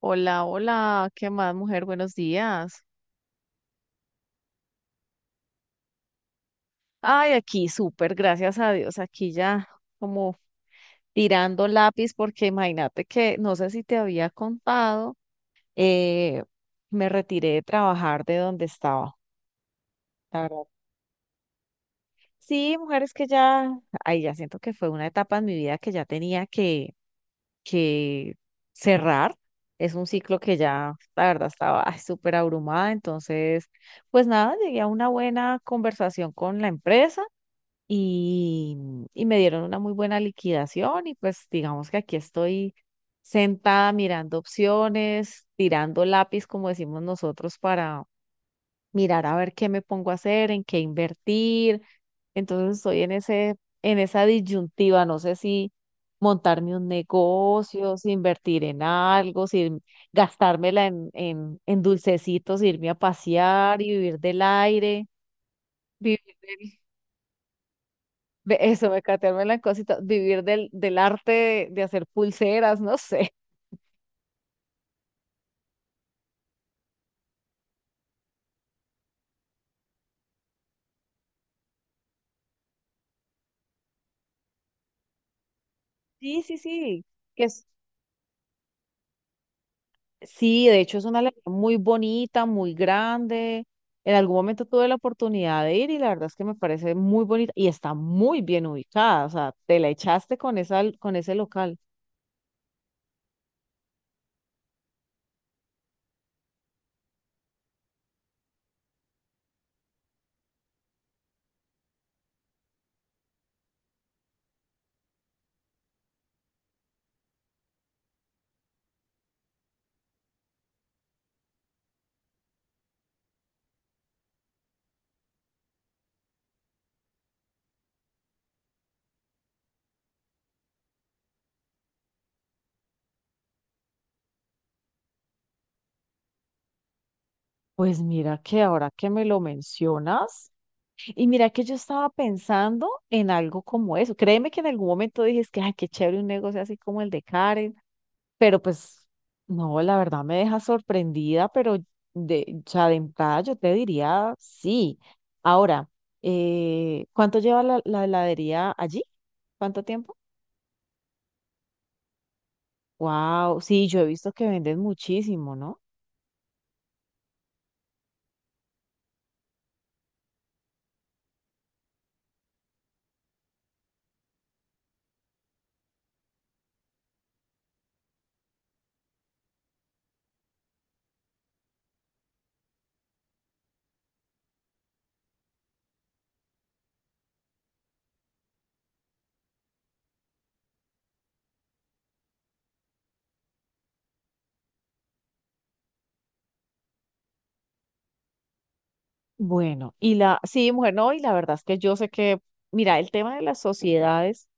Hola, hola, ¿qué más, mujer? Buenos días. Ay, aquí súper, gracias a Dios, aquí ya como tirando lápiz, porque imagínate que, no sé si te había contado, eh, me retiré de trabajar de donde estaba, la verdad. Sí, mujeres que ya, ay, ya siento que fue una etapa en mi vida que ya tenía que cerrar. Es un ciclo que ya, la verdad, estaba ay, súper abrumada, entonces, pues nada, llegué a una buena conversación con la empresa y, y me dieron una muy buena liquidación y pues digamos que aquí estoy sentada mirando opciones, tirando lápiz, como decimos nosotros, para mirar a ver qué me pongo a hacer, en qué invertir. Entonces estoy en esa disyuntiva, no sé si montarme un negocio, si invertir en algo, si gastármela en dulcecitos, irme a pasear y vivir del aire, vivir del, Ve, eso, mecatearme en la cosita, vivir del arte de hacer pulseras, no sé. Sí, sí, sí. Que es, sí, de hecho es una alegría muy bonita, muy grande. En algún momento tuve la oportunidad de ir y la verdad es que me parece muy bonita y está muy bien ubicada. O sea, te la echaste con ese local. Pues mira que ahora que me lo mencionas, y mira que yo estaba pensando en algo como eso. Créeme que en algún momento dije, es que, ay, qué chévere un negocio así como el de Karen. Pero pues, no, la verdad me deja sorprendida, pero de, o sea, de entrada yo te diría sí. Ahora, ¿cuánto lleva la heladería allí? ¿Cuánto tiempo? Wow, sí, yo he visto que venden muchísimo, ¿no? Bueno, y la, sí, mujer, no, y la verdad es que yo sé que, mira, el tema de las sociedades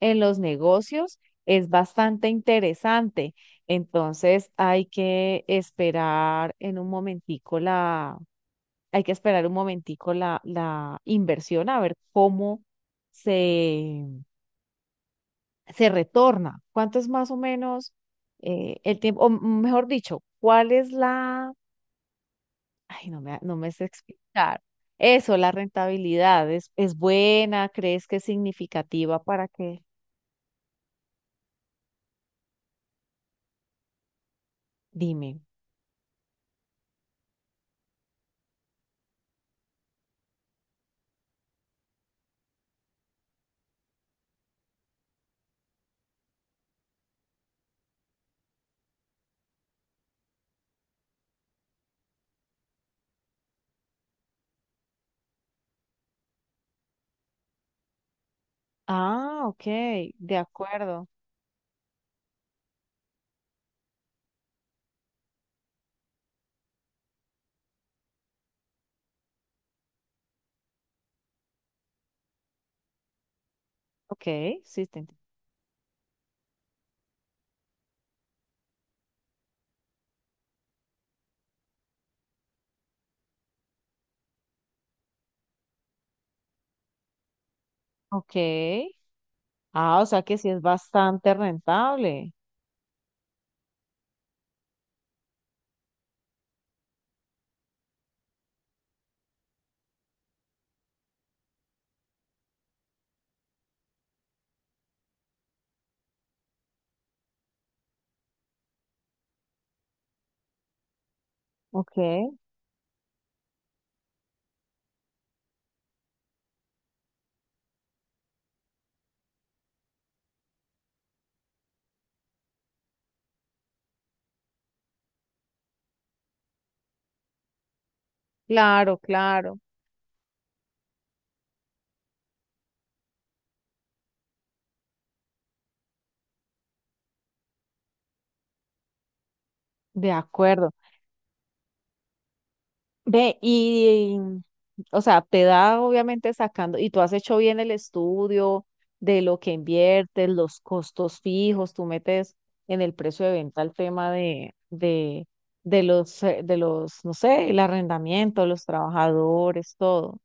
en los negocios es bastante interesante. Entonces hay que esperar en un momentico la Hay que esperar un momentico la, la inversión a ver se, se retorna. ¿Cuánto es más o menos el tiempo? O mejor dicho, ¿cuál es la... Ay, no me sé explicar. Eso, la rentabilidad, es buena? ¿Crees que es significativa para que... Dime. Ah, ok, de acuerdo. Ok, sí, te entiendo. Ok. Ah, o sea que sí es bastante rentable. Ok. Claro, claro. De acuerdo. Ve, y, o sea, te da obviamente sacando, y tú has hecho bien el estudio de lo que inviertes, los costos fijos, tú metes en el precio de venta el tema de los, no sé, el arrendamiento, los trabajadores, todo.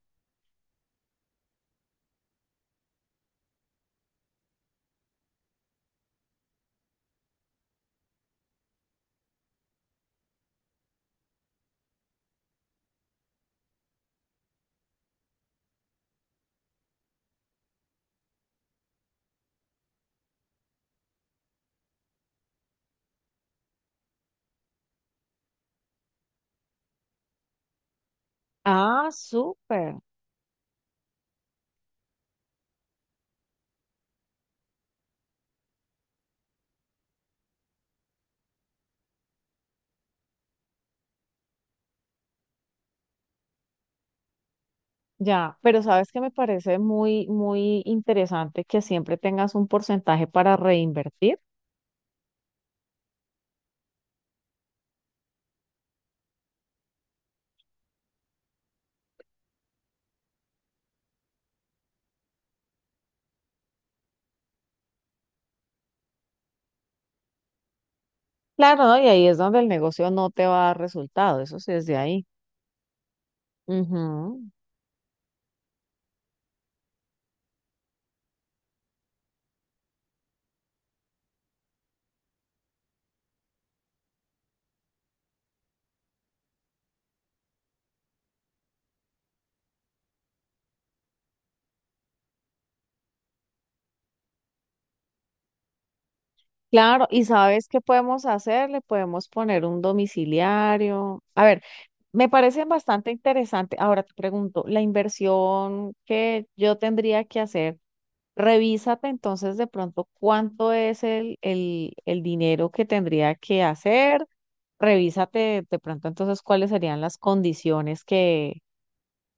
Ah, súper. Ya, pero sabes que me parece muy, muy interesante que siempre tengas un porcentaje para reinvertir. Claro, ¿no? Y ahí es donde el negocio no te va a dar resultado, eso sí es de ahí. Ujú. Claro, y ¿sabes qué podemos hacer? Le podemos poner un domiciliario. A ver, me parece bastante interesante. Ahora te pregunto, la inversión que yo tendría que hacer, revísate entonces de pronto cuánto es el dinero que tendría que hacer. Revísate de pronto entonces cuáles serían las condiciones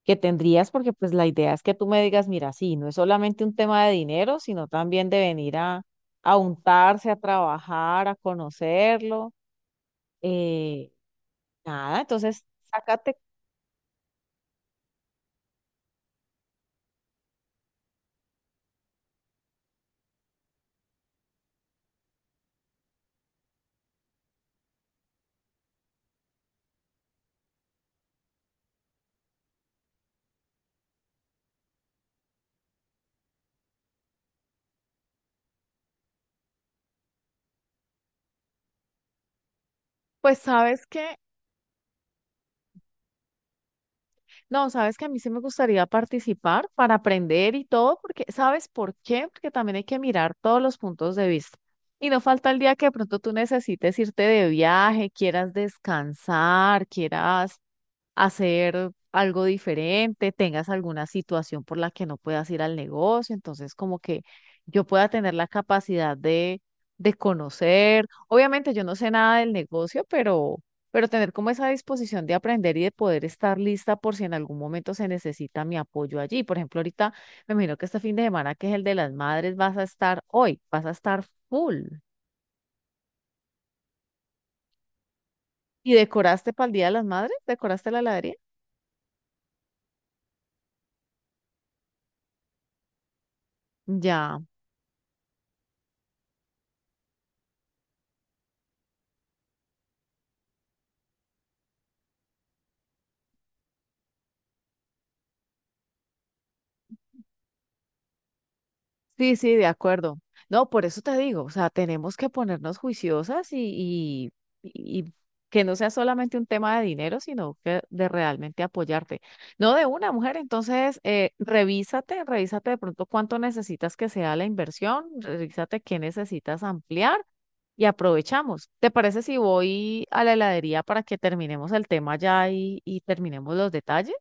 que tendrías, porque pues la idea es que tú me digas, mira, sí, no es solamente un tema de dinero, sino también de venir a untarse, a trabajar, a conocerlo. eh, Nada, entonces, sácate. Pues sabes que, no, sabes que a mí sí me gustaría participar para aprender y todo, porque, ¿sabes por qué? Porque también hay que mirar todos los puntos de vista. Y no falta el día que de pronto tú necesites irte de viaje, quieras descansar, quieras hacer algo diferente, tengas alguna situación por la que no puedas ir al negocio, entonces como que yo pueda tener la capacidad de conocer. Obviamente yo no sé nada del negocio, pero tener como esa disposición de aprender y de poder estar lista por si en algún momento se necesita mi apoyo allí. Por ejemplo, ahorita me imagino que este fin de semana, que es el de las madres, vas a estar hoy, vas a estar full. ¿Y decoraste para el Día de las Madres? ¿Decoraste la heladería? Ya. Sí, sí, de acuerdo. No, por eso te digo, o sea, tenemos que ponernos juiciosas y que no sea solamente un tema de dinero, sino que de realmente apoyarte. No de una mujer, entonces, revísate, revísate de pronto cuánto necesitas que sea la inversión, revísate qué necesitas ampliar y aprovechamos. ¿Te parece si voy a la heladería para que terminemos el tema ya y terminemos los detalles?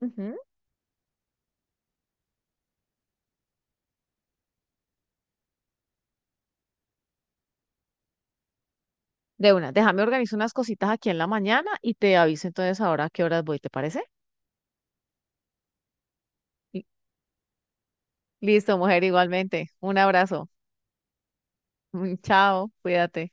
Ujú. De una, déjame organizar unas cositas aquí en la mañana y te aviso entonces ahora a qué horas voy, ¿te parece? Li- Listo, mujer, igualmente. Un abrazo. Chao, cuídate.